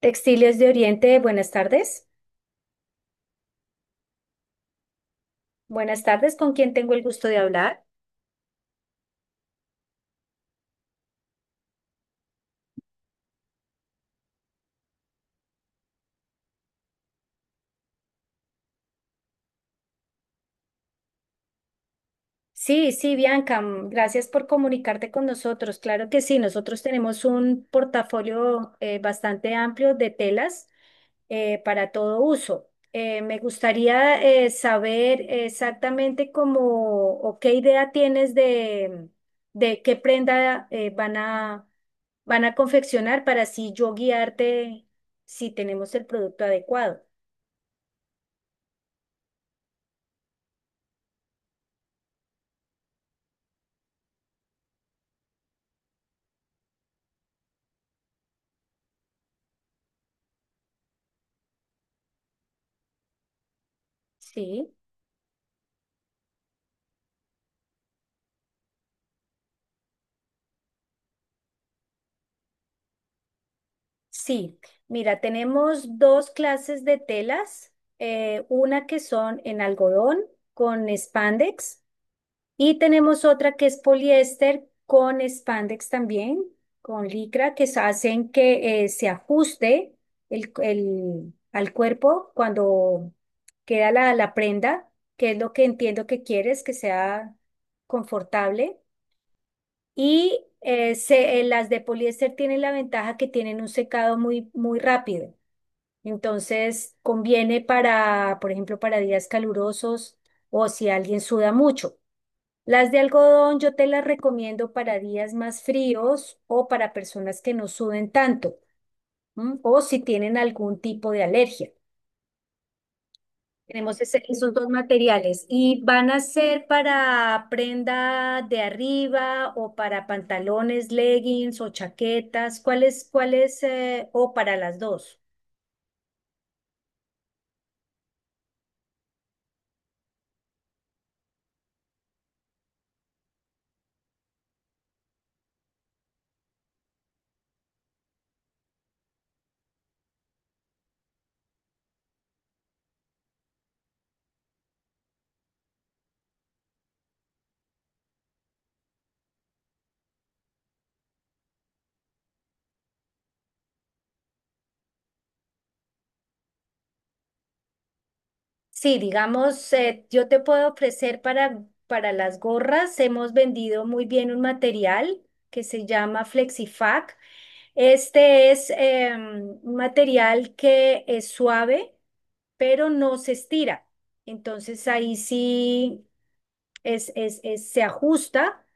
Textiles de Oriente, buenas tardes. Buenas tardes, ¿con quién tengo el gusto de hablar? Sí, sí, Bianca, gracias por comunicarte con nosotros. Claro que sí, nosotros tenemos un portafolio bastante amplio de telas para todo uso. Me gustaría saber exactamente cómo o qué idea tienes de, qué prenda van a confeccionar para así yo guiarte si tenemos el producto adecuado. Sí. Sí, mira, tenemos dos clases de telas, una que son en algodón con spandex y tenemos otra que es poliéster con spandex también, con licra, que se hacen que se ajuste al cuerpo cuando queda la prenda, que es lo que entiendo que quieres, que sea confortable. Y las de poliéster tienen la ventaja que tienen un secado muy, muy rápido. Entonces, conviene para, por ejemplo, para días calurosos o si alguien suda mucho. Las de algodón yo te las recomiendo para días más fríos o para personas que no suden tanto, ¿m? O si tienen algún tipo de alergia. Tenemos esos dos materiales y van a ser para prenda de arriba o para pantalones, leggings o chaquetas, ¿cuáles, o para las dos? Sí, digamos, yo te puedo ofrecer para, las gorras, hemos vendido muy bien un material que se llama FlexiFac. Este es un material que es suave, pero no se estira. Entonces ahí sí se ajusta,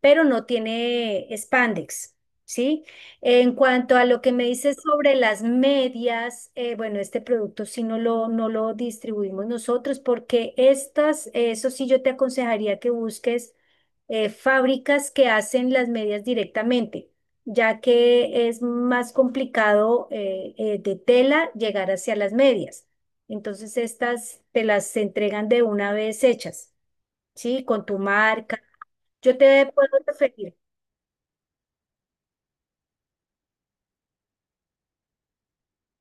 pero no tiene spandex, ¿sí? En cuanto a lo que me dices sobre las medias, bueno, este producto sí no lo distribuimos nosotros porque estas, eso sí yo te aconsejaría que busques fábricas que hacen las medias directamente, ya que es más complicado de tela llegar hacia las medias. Entonces estas te las entregan de una vez hechas, ¿sí? Con tu marca. Yo te puedo referir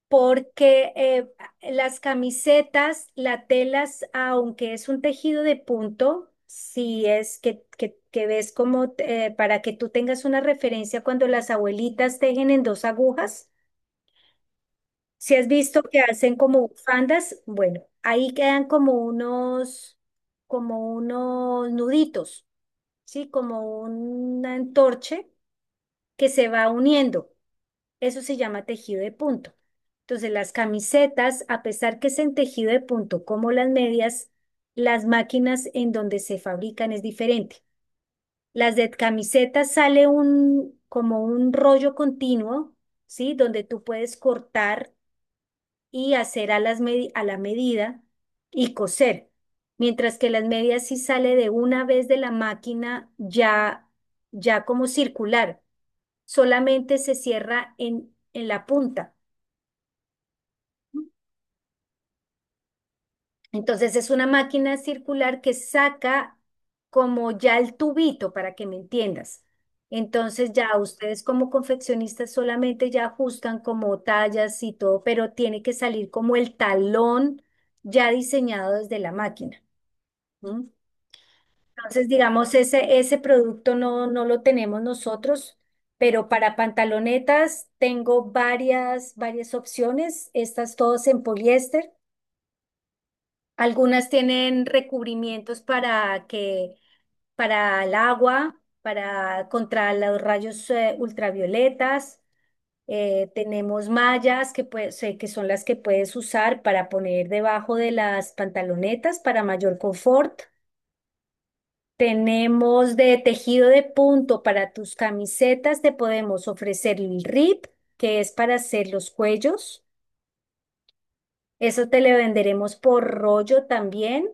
porque las camisetas, la telas, aunque es un tejido de punto, si es que ves, como para que tú tengas una referencia, cuando las abuelitas tejen en dos agujas, si has visto que hacen como bufandas, bueno, ahí quedan como unos nuditos, ¿sí? Como un entorche que se va uniendo. Eso se llama tejido de punto. Entonces, las camisetas, a pesar que es en tejido de punto como las medias, las máquinas en donde se fabrican es diferente. Las de camisetas sale como un rollo continuo, ¿sí? Donde tú puedes cortar y hacer a la medida y coser. Mientras que las medias sí sale de una vez de la máquina ya como circular. Solamente se cierra en la punta. Entonces es una máquina circular que saca como ya el tubito, para que me entiendas. Entonces ya ustedes como confeccionistas solamente ya ajustan como tallas y todo, pero tiene que salir como el talón ya diseñado desde la máquina. ¿M? Entonces, digamos, ese producto no lo tenemos nosotros, pero para pantalonetas tengo varias opciones, estas todas en poliéster. Algunas tienen recubrimientos para el agua, para contra los rayos ultravioletas. Tenemos mallas que, pues, que son las que puedes usar para poner debajo de las pantalonetas para mayor confort. Tenemos de tejido de punto para tus camisetas. Te podemos ofrecer el RIP, que es para hacer los cuellos. Eso te le venderemos por rollo también,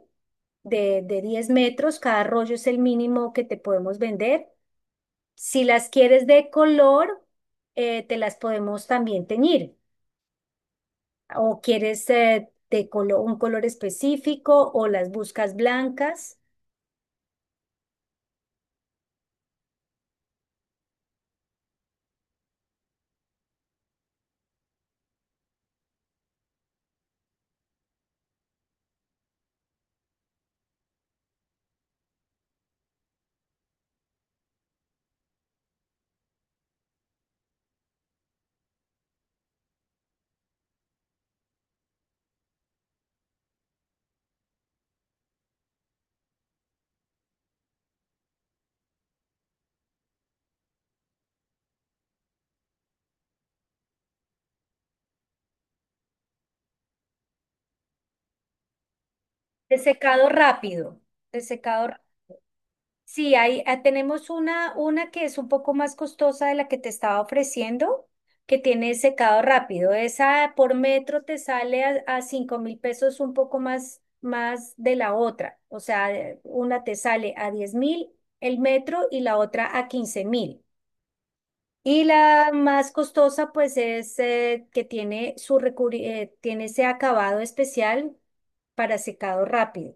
de, 10 metros. Cada rollo es el mínimo que te podemos vender. Si las quieres de color, te las podemos también teñir. O quieres un color específico o las buscas blancas. De secado rápido. De secado Sí, ahí tenemos una que es un poco más costosa de la que te estaba ofreciendo, que tiene secado rápido. Esa por metro te sale a 5.000 pesos un poco más de la otra. O sea, una te sale a 10.000 el metro y la otra a 15.000. Y la más costosa pues es que tiene, tiene ese acabado especial para secado rápido.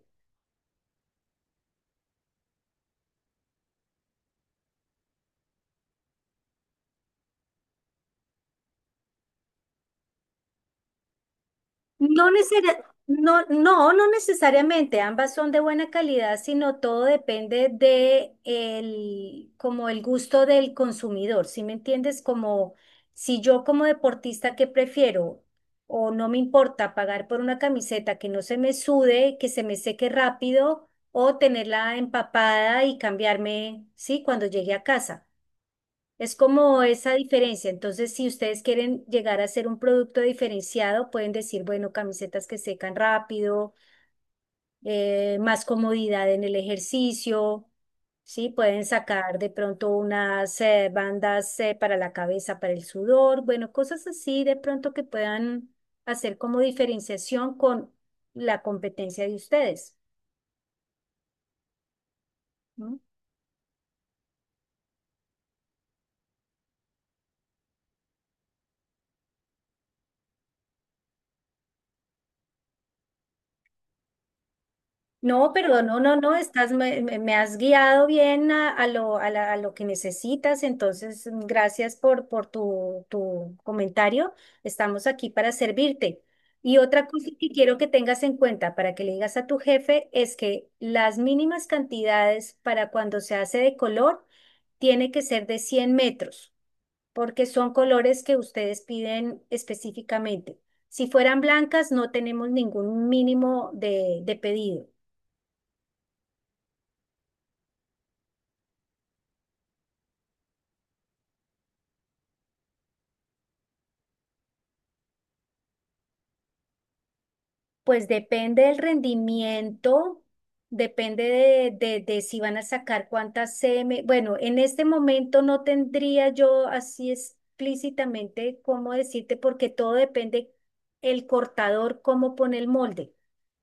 No necesariamente, ambas son de buena calidad, sino todo depende como el gusto del consumidor, ¿sí me entiendes? Como si yo como deportista, ¿que prefiero? O no me importa pagar por una camiseta que no se me sude, que se me seque rápido, o tenerla empapada y cambiarme, ¿sí? Cuando llegue a casa. Es como esa diferencia. Entonces, si ustedes quieren llegar a ser un producto diferenciado, pueden decir, bueno, camisetas que secan rápido, más comodidad en el ejercicio, ¿sí? Pueden sacar de pronto unas bandas para la cabeza, para el sudor, bueno, cosas así de pronto que puedan hacer como diferenciación con la competencia de ustedes. ¿No? No, perdón, no, no, no, me has guiado bien a lo que necesitas, entonces gracias por tu comentario, estamos aquí para servirte. Y otra cosa que quiero que tengas en cuenta para que le digas a tu jefe es que las mínimas cantidades para cuando se hace de color tiene que ser de 100 metros, porque son colores que ustedes piden específicamente. Si fueran blancas, no tenemos ningún mínimo de pedido. Pues depende del rendimiento, depende de si van a sacar cuántas CM. Bueno, en este momento no tendría yo así explícitamente cómo decirte, porque todo depende el cortador, cómo pone el molde.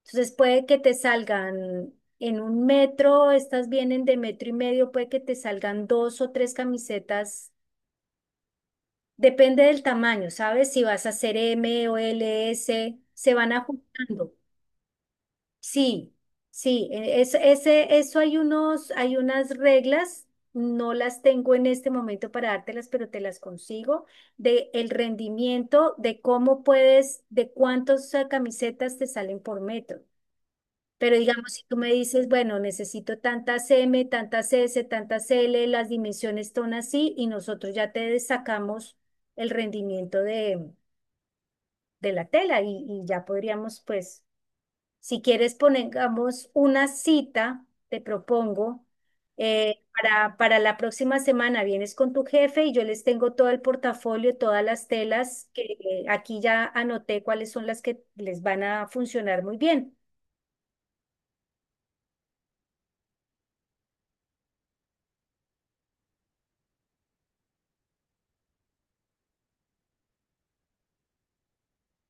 Entonces puede que te salgan en un metro, estas vienen de metro y medio, puede que te salgan dos o tres camisetas. Depende del tamaño, ¿sabes? Si vas a hacer M o l s se van ajustando. Sí, sí, eso, hay unas reglas, no las tengo en este momento para dártelas, pero te las consigo, de el rendimiento, de cómo puedes, de cuántas camisetas te salen por metro. Pero digamos, si tú me dices, bueno, necesito tantas M, tantas S, tantas L, las dimensiones son así, y nosotros ya te sacamos el rendimiento de, la tela y ya podríamos, pues si quieres, pongamos una cita, te propongo, para, la próxima semana. Vienes con tu jefe y yo les tengo todo el portafolio, todas las telas que aquí ya anoté cuáles son las que les van a funcionar muy bien.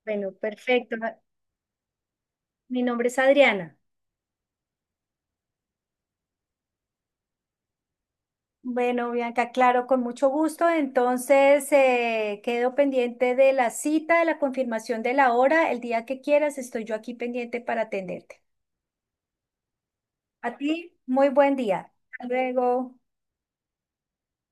Bueno, perfecto. Mi nombre es Adriana. Bueno, Bianca, claro, con mucho gusto. Entonces, quedo pendiente de la cita, de la confirmación de la hora. El día que quieras, estoy yo aquí pendiente para atenderte. A ti, muy buen día. Hasta luego.